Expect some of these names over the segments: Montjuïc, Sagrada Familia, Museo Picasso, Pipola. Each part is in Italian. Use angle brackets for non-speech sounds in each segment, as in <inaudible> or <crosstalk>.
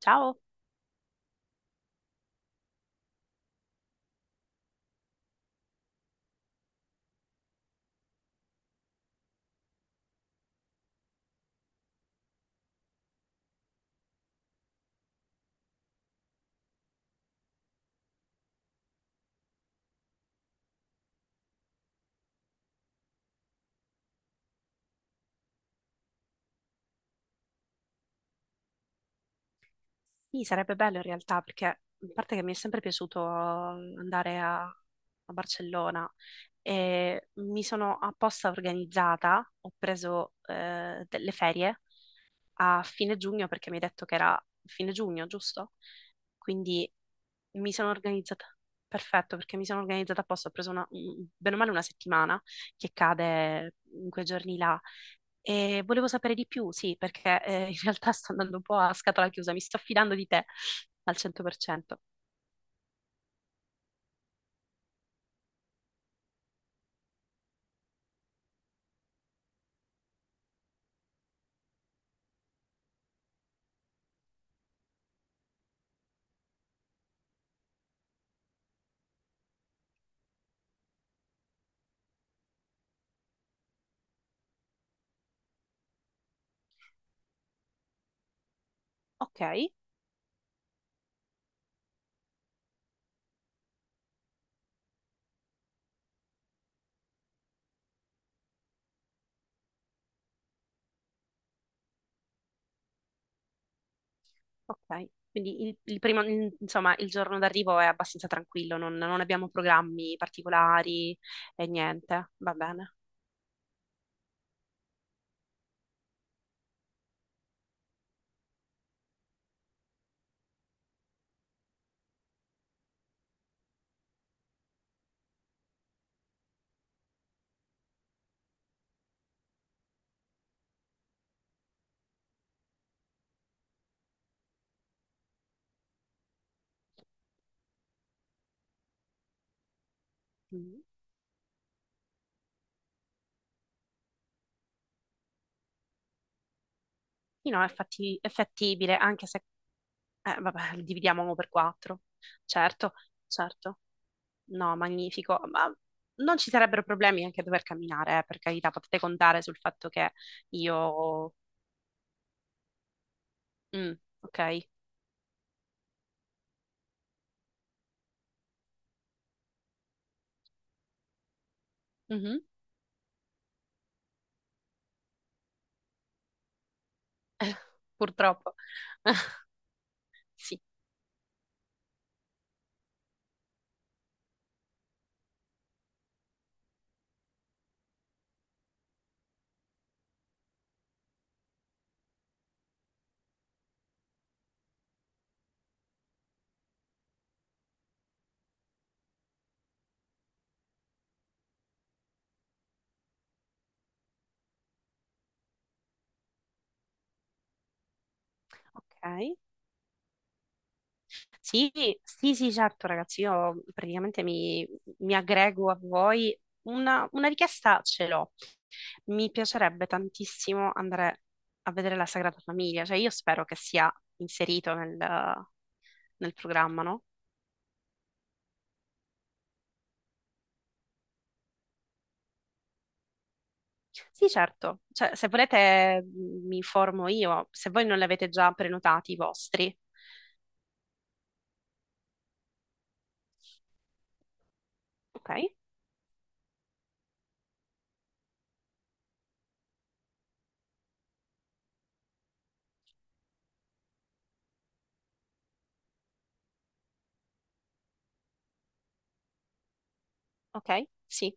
Ciao, sì, sarebbe bello in realtà perché a parte che mi è sempre piaciuto andare a Barcellona e mi sono apposta organizzata, ho preso delle ferie a fine giugno perché mi hai detto che era fine giugno, giusto? Quindi mi sono organizzata, perfetto, perché mi sono organizzata apposta, ho preso una, bene o male una settimana che cade in quei giorni là. E volevo sapere di più, sì, perché in realtà <laughs> sto andando un po' a scatola chiusa, mi sto affidando di te al 100%. Ok, ok. Quindi il primo, insomma, il giorno d'arrivo è abbastanza tranquillo, non abbiamo programmi particolari e niente, va bene. Mm. Sì, no, è, è fattibile, anche se, vabbè, <laughs> dividiamo uno per quattro. Certo, certo. No, magnifico. Ma non ci sarebbero problemi anche a dover camminare, per carità, potete contare sul fatto che... Io Mm, ok. Mhm. Purtroppo. <laughs> Sì. Ok. Sì, sì, sì, certo, ragazzi, io praticamente mi aggrego a voi. Una richiesta ce l'ho. Mi piacerebbe tantissimo andare a vedere la Sagrada Famiglia, cioè io spero che sia inserito nel programma, no? Sì, certo. Cioè, se volete mi informo io, se voi non li avete già prenotati i vostri. Ok, ok, sì,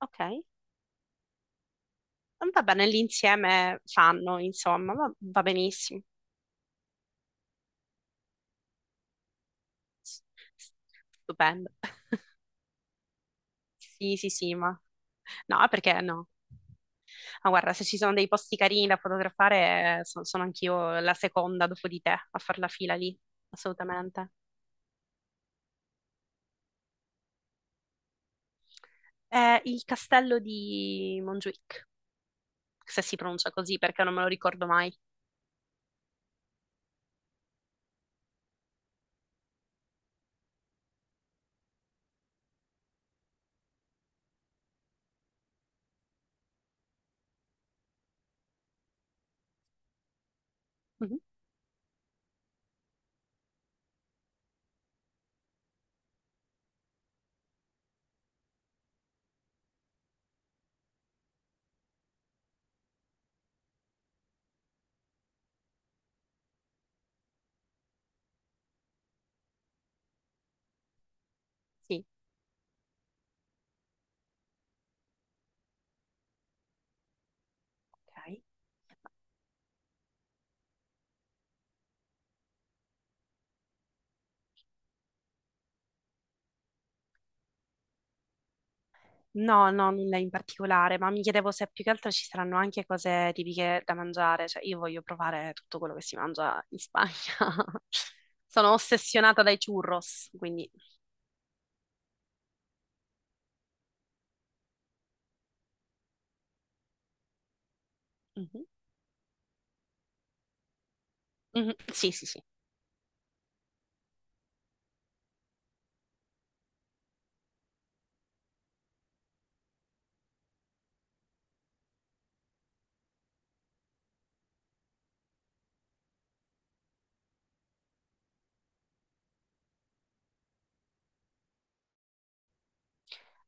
ok. Va bene, l'insieme fanno, insomma, va benissimo. S- s- Stupendo. <laughs> Sì, sì, sì, ma... No, perché no? Ma guarda, se ci sono dei posti carini da fotografare, sono anch'io la seconda dopo di te a far la fila lì, assolutamente. È il castello di Montjuic, se si pronuncia così, perché non me lo ricordo mai. Mhm. Sì, ok. No, no, nulla in particolare, ma mi chiedevo se più che altro ci saranno anche cose tipiche da mangiare, cioè io voglio provare tutto quello che si mangia in Spagna. <laughs> Sono ossessionata dai churros, quindi... Mhm. Mhm. Sì, sì, sì.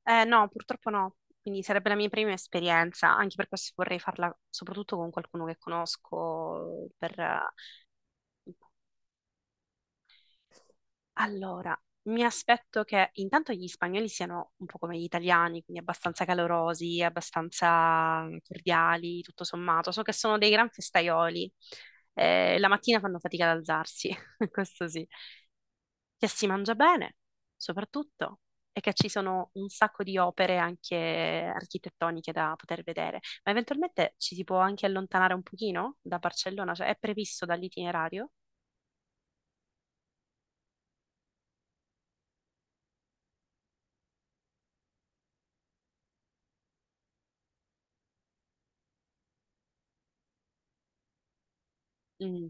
No, purtroppo no, quindi sarebbe la mia prima esperienza, anche per questo vorrei farla soprattutto con qualcuno che conosco per, allora, mi aspetto che intanto gli spagnoli siano un po' come gli italiani, quindi abbastanza calorosi, abbastanza cordiali, tutto sommato. So che sono dei gran festaioli. La mattina fanno fatica ad alzarsi, <laughs> questo sì. Che si mangia bene, soprattutto, e che ci sono un sacco di opere anche architettoniche da poter vedere. Ma eventualmente ci si può anche allontanare un pochino da Barcellona, cioè è previsto dall'itinerario? Mm,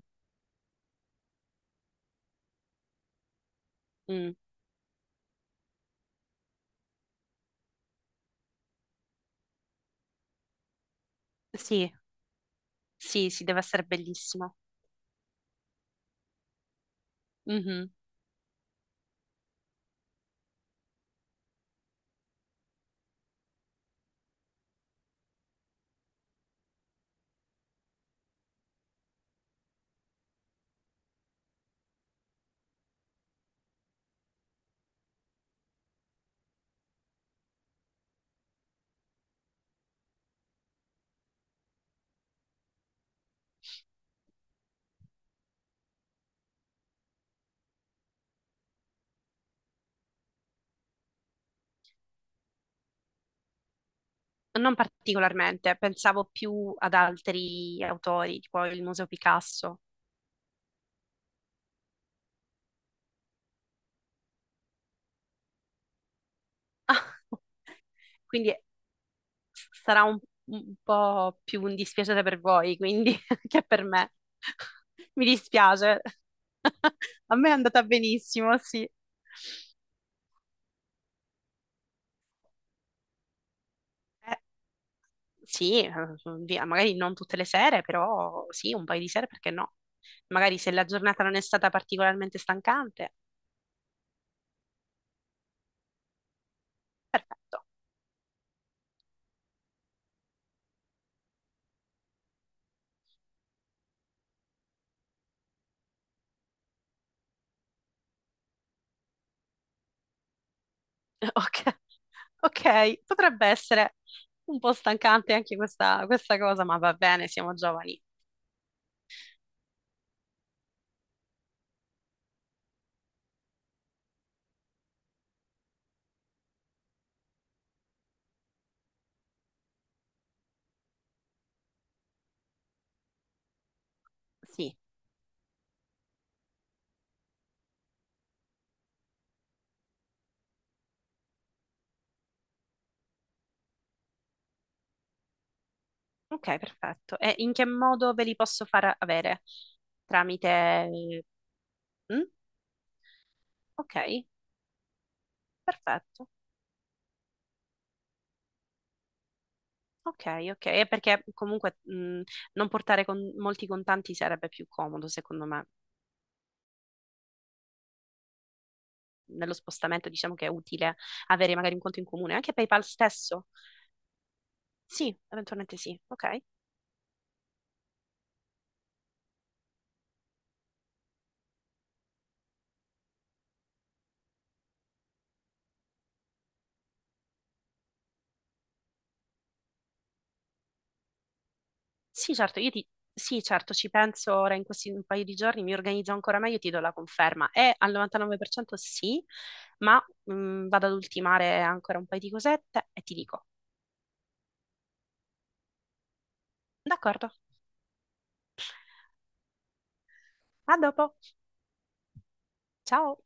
mm. Sì. Sì, sì, deve essere bellissimo. Mhm. Non particolarmente, pensavo più ad altri autori, tipo il Museo Picasso. <laughs> Quindi sarà un po' più un dispiacere per voi, quindi, <laughs> che per me. <laughs> Mi dispiace. <laughs> A me è andata benissimo, sì. Eh, sì, via, magari non tutte le sere, però sì, un paio di sere, perché no? Magari se la giornata non è stata particolarmente stancante, perfetto. <laughs> Ok. Ok, potrebbe essere un po' stancante anche questa cosa, ma va bene, siamo giovani. Sì, ok, perfetto. E in che modo ve li posso far avere? Tramite... Mm? Ok, perfetto. Ok, ok, e perché comunque mm, non portare molti contanti sarebbe più comodo, secondo me. Nello spostamento diciamo che è utile avere magari un conto in comune, anche PayPal stesso. Sì, eventualmente sì. Ok. Sì, certo, io ti... sì, certo, ci penso ora in questi un paio di giorni, mi organizzo ancora meglio e ti do la conferma. È al 99% sì, ma vado ad ultimare ancora un paio di cosette e ti dico. D'accordo, a dopo. Ciao.